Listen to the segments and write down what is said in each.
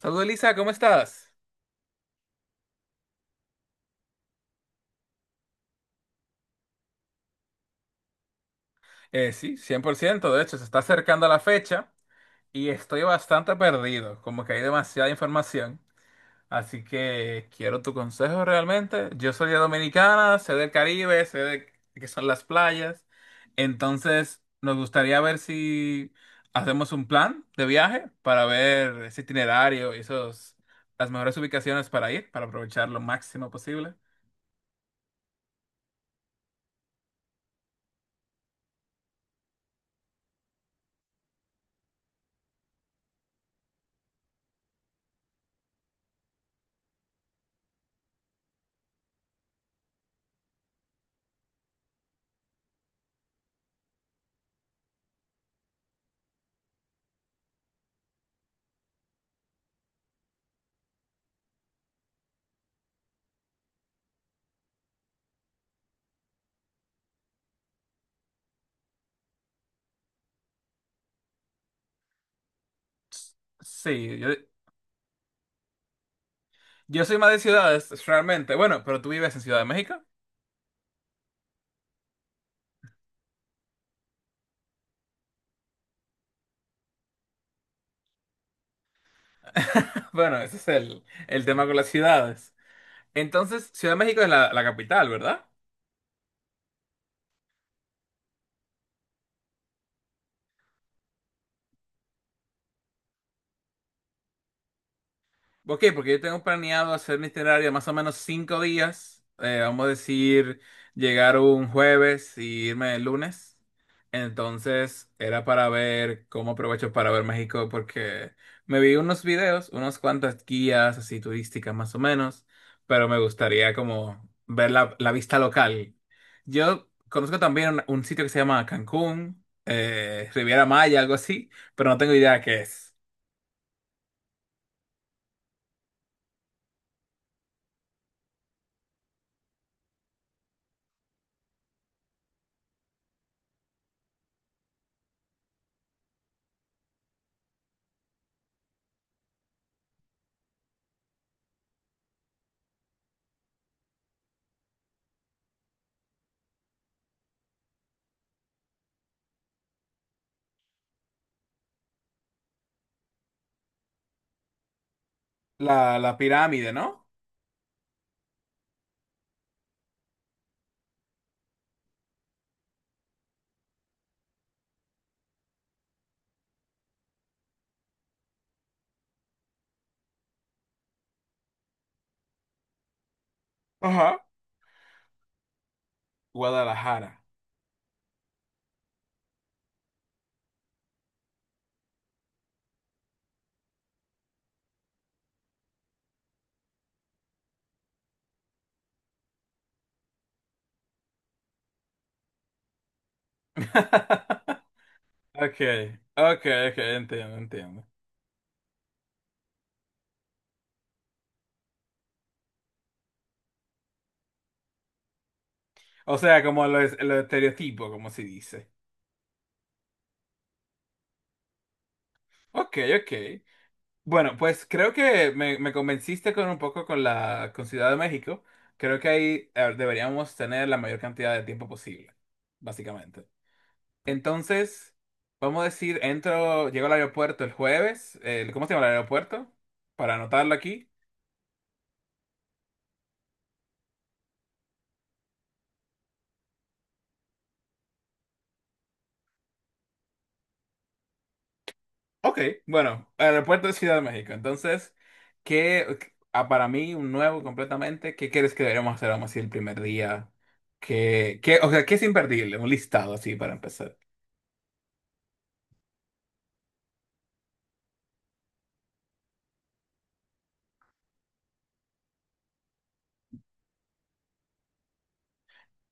Saludos Elisa, ¿cómo estás? Sí, 100%. De hecho se está acercando la fecha y estoy bastante perdido, como que hay demasiada información, así que quiero tu consejo realmente. Yo soy de Dominicana, sé del Caribe, sé de qué son las playas, entonces nos gustaría ver si hacemos un plan de viaje para ver ese itinerario y esos, las mejores ubicaciones para ir, para aprovechar lo máximo posible. Sí, yo... Yo soy más de ciudades, realmente. Bueno, pero tú vives en Ciudad de México. Bueno, ese es el tema con las ciudades. Entonces, Ciudad de México es la capital, ¿verdad? Ok, porque yo tengo planeado hacer mi itinerario más o menos 5 días. Vamos a decir, llegar un jueves y irme el lunes. Entonces era para ver cómo aprovecho para ver México porque me vi unos videos, unas cuantas guías así turísticas más o menos, pero me gustaría como ver la vista local. Yo conozco también un sitio que se llama Cancún, Riviera Maya, algo así, pero no tengo idea qué es. La pirámide, ¿no? Ajá. Guadalajara. Okay, okay, okay, entiendo, entiendo. O sea, como los estereotipos, como se dice. Ok, ok. Bueno, pues creo que me convenciste con un poco con la con Ciudad de México. Creo que ahí deberíamos tener la mayor cantidad de tiempo posible, básicamente. Entonces, vamos a decir, entro, llego al aeropuerto el jueves. ¿Cómo se llama el aeropuerto? Para anotarlo aquí. Ok, bueno, aeropuerto de Ciudad de México. Entonces, ¿qué, ¿ah, para mí, un nuevo completamente, ¿qué crees que deberíamos hacer, vamos a decir, el primer día? O sea, ¿qué es imperdible? Un listado así para empezar.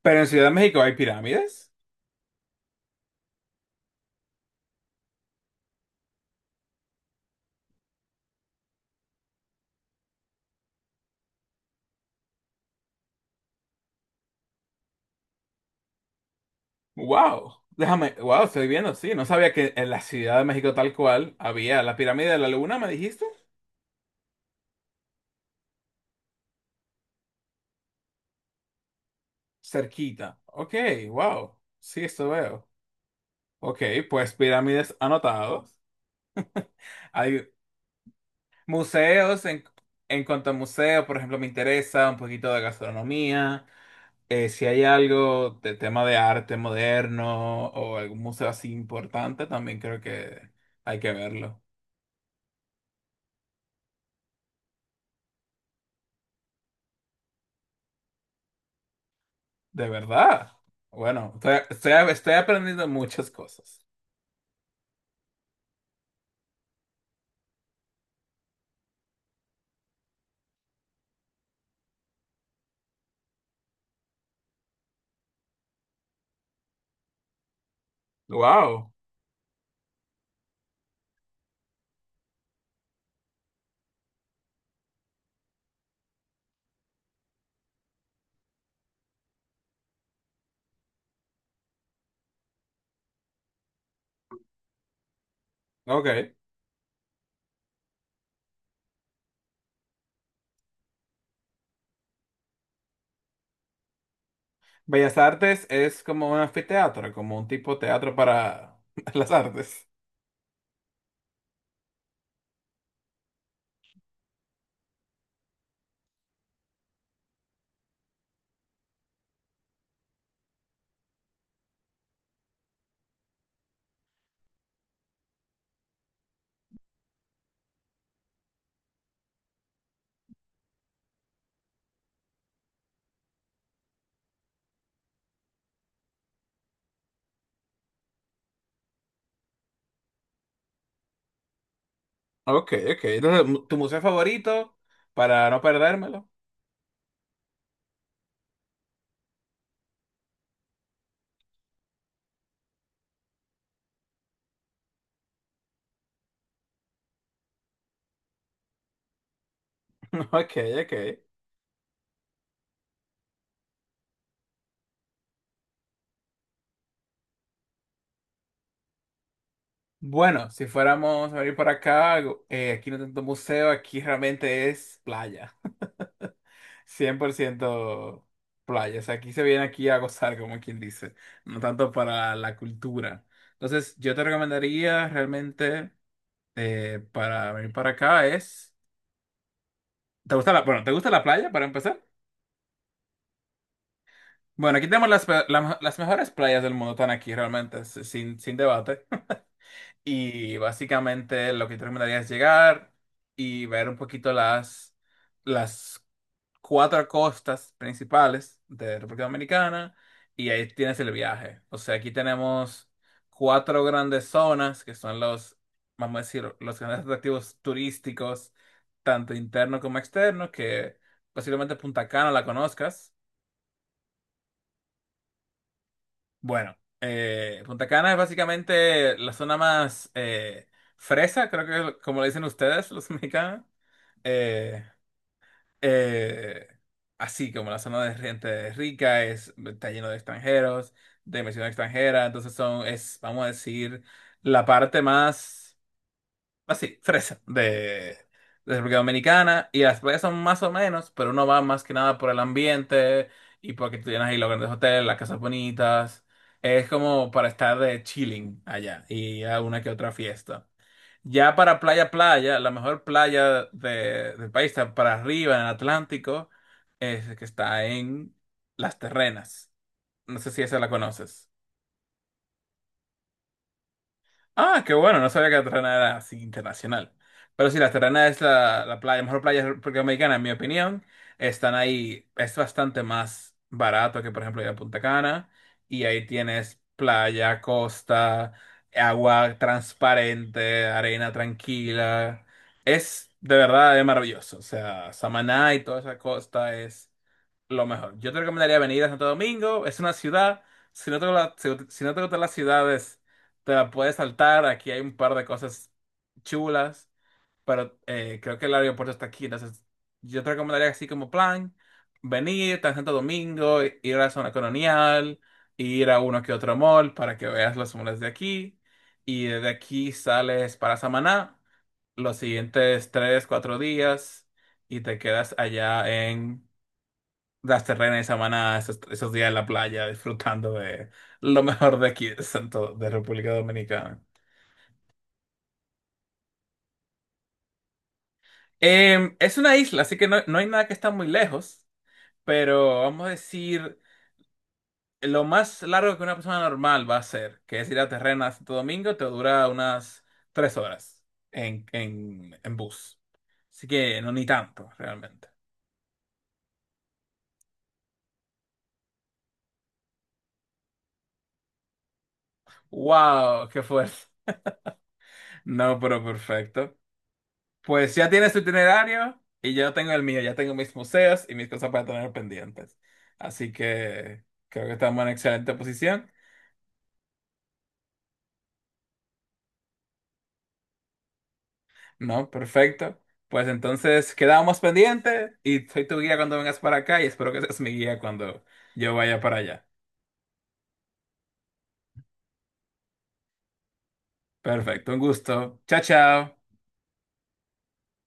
Pero en Ciudad de México hay pirámides. ¡Wow! Déjame, wow, estoy viendo, sí. No sabía que en la Ciudad de México tal cual había la pirámide de la Luna, ¿me dijiste? Cerquita. Ok, wow. Sí, esto veo. Ok, pues pirámides anotados. Hay. Museos, en cuanto a museos, por ejemplo, me interesa un poquito de gastronomía. Si hay algo de tema de arte moderno o algún museo así importante, también creo que hay que verlo. ¿De verdad? Bueno, estoy aprendiendo muchas cosas. Wow. Ok. Bellas Artes es como un anfiteatro, como un tipo de teatro para las artes. Ok, ok. Entonces, ¿tu museo favorito? Para no perdérmelo. Ok, ok. Bueno, si fuéramos a venir para acá, aquí no hay tanto museo, aquí realmente es playa. 100% playa. O sea, aquí se viene aquí a gozar, como quien dice, no tanto para la cultura. Entonces, yo te recomendaría realmente para venir para acá es... ¿Te gusta la, bueno, ¿te gusta la playa para empezar? Bueno, aquí tenemos las, pe- la- las mejores playas del mundo, están aquí realmente, si- sin debate. Y básicamente lo que yo recomendaría es llegar y ver un poquito las 4 costas principales de República Dominicana y ahí tienes el viaje. O sea, aquí tenemos 4 grandes zonas que son los, vamos a decir, los grandes atractivos turísticos, tanto internos como externos, que posiblemente Punta Cana la conozcas. Bueno, Punta Cana es básicamente la zona más fresa, creo que es como le dicen ustedes, los mexicanos. Eh, eh, Así como la zona de gente rica, es, está lleno de extranjeros, de inversión extranjera, entonces son, es, vamos a decir, la parte más así, fresa, de República Dominicana, y las playas son más o menos, pero uno va más que nada por el ambiente y porque tú tienes ahí los grandes hoteles, las casas bonitas, es como para estar de chilling allá y a una que otra fiesta. Ya para playa, playa, la mejor playa de- del país está para arriba en el Atlántico, es que está en Las Terrenas. No sé si esa la conoces. Ah, qué bueno, no sabía que la Terrana era así internacional. Pero sí, la Terrana es la playa, mejor playa americana, en mi opinión. Están ahí, es bastante más barato que, por ejemplo, ir a Punta Cana. Y ahí tienes playa, costa, agua transparente, arena tranquila. Es de verdad es maravilloso. O sea, Samaná y toda esa costa es lo mejor. Yo te recomendaría venir a Santo Domingo, es una ciudad. Si no te, gusta- si no te gustan las ciudades te la puedes saltar. Aquí hay un par de cosas chulas, pero creo que el aeropuerto está aquí. Entonces, yo te recomendaría así como plan, venir a Santo Domingo, ir a la zona colonial, ir a uno que otro mall para que veas los malls de aquí. Y desde aquí sales para Samaná los siguientes 3, 4 días y te quedas allá en las terrenas de Samaná, esos días en la playa, disfrutando de lo mejor de aquí, de Santo, de República Dominicana. Em, es una isla, así que no, no hay nada que está muy lejos, pero vamos a decir lo más largo que una persona normal va a hacer, que es ir a Terrena a Santo Domingo, te dura unas 3 horas en bus. Así que no ni tanto, realmente. ¡Wow! ¡Qué fuerza! No, pero perfecto. Pues ya tienes tu itinerario y yo tengo el mío, ya tengo mis museos y mis cosas para tener pendientes. Así que creo que estamos en excelente posición. No, perfecto. Pues entonces quedamos pendientes y soy tu guía cuando vengas para acá y espero que seas mi guía cuando yo vaya para allá. Perfecto, un gusto. Chao, chao.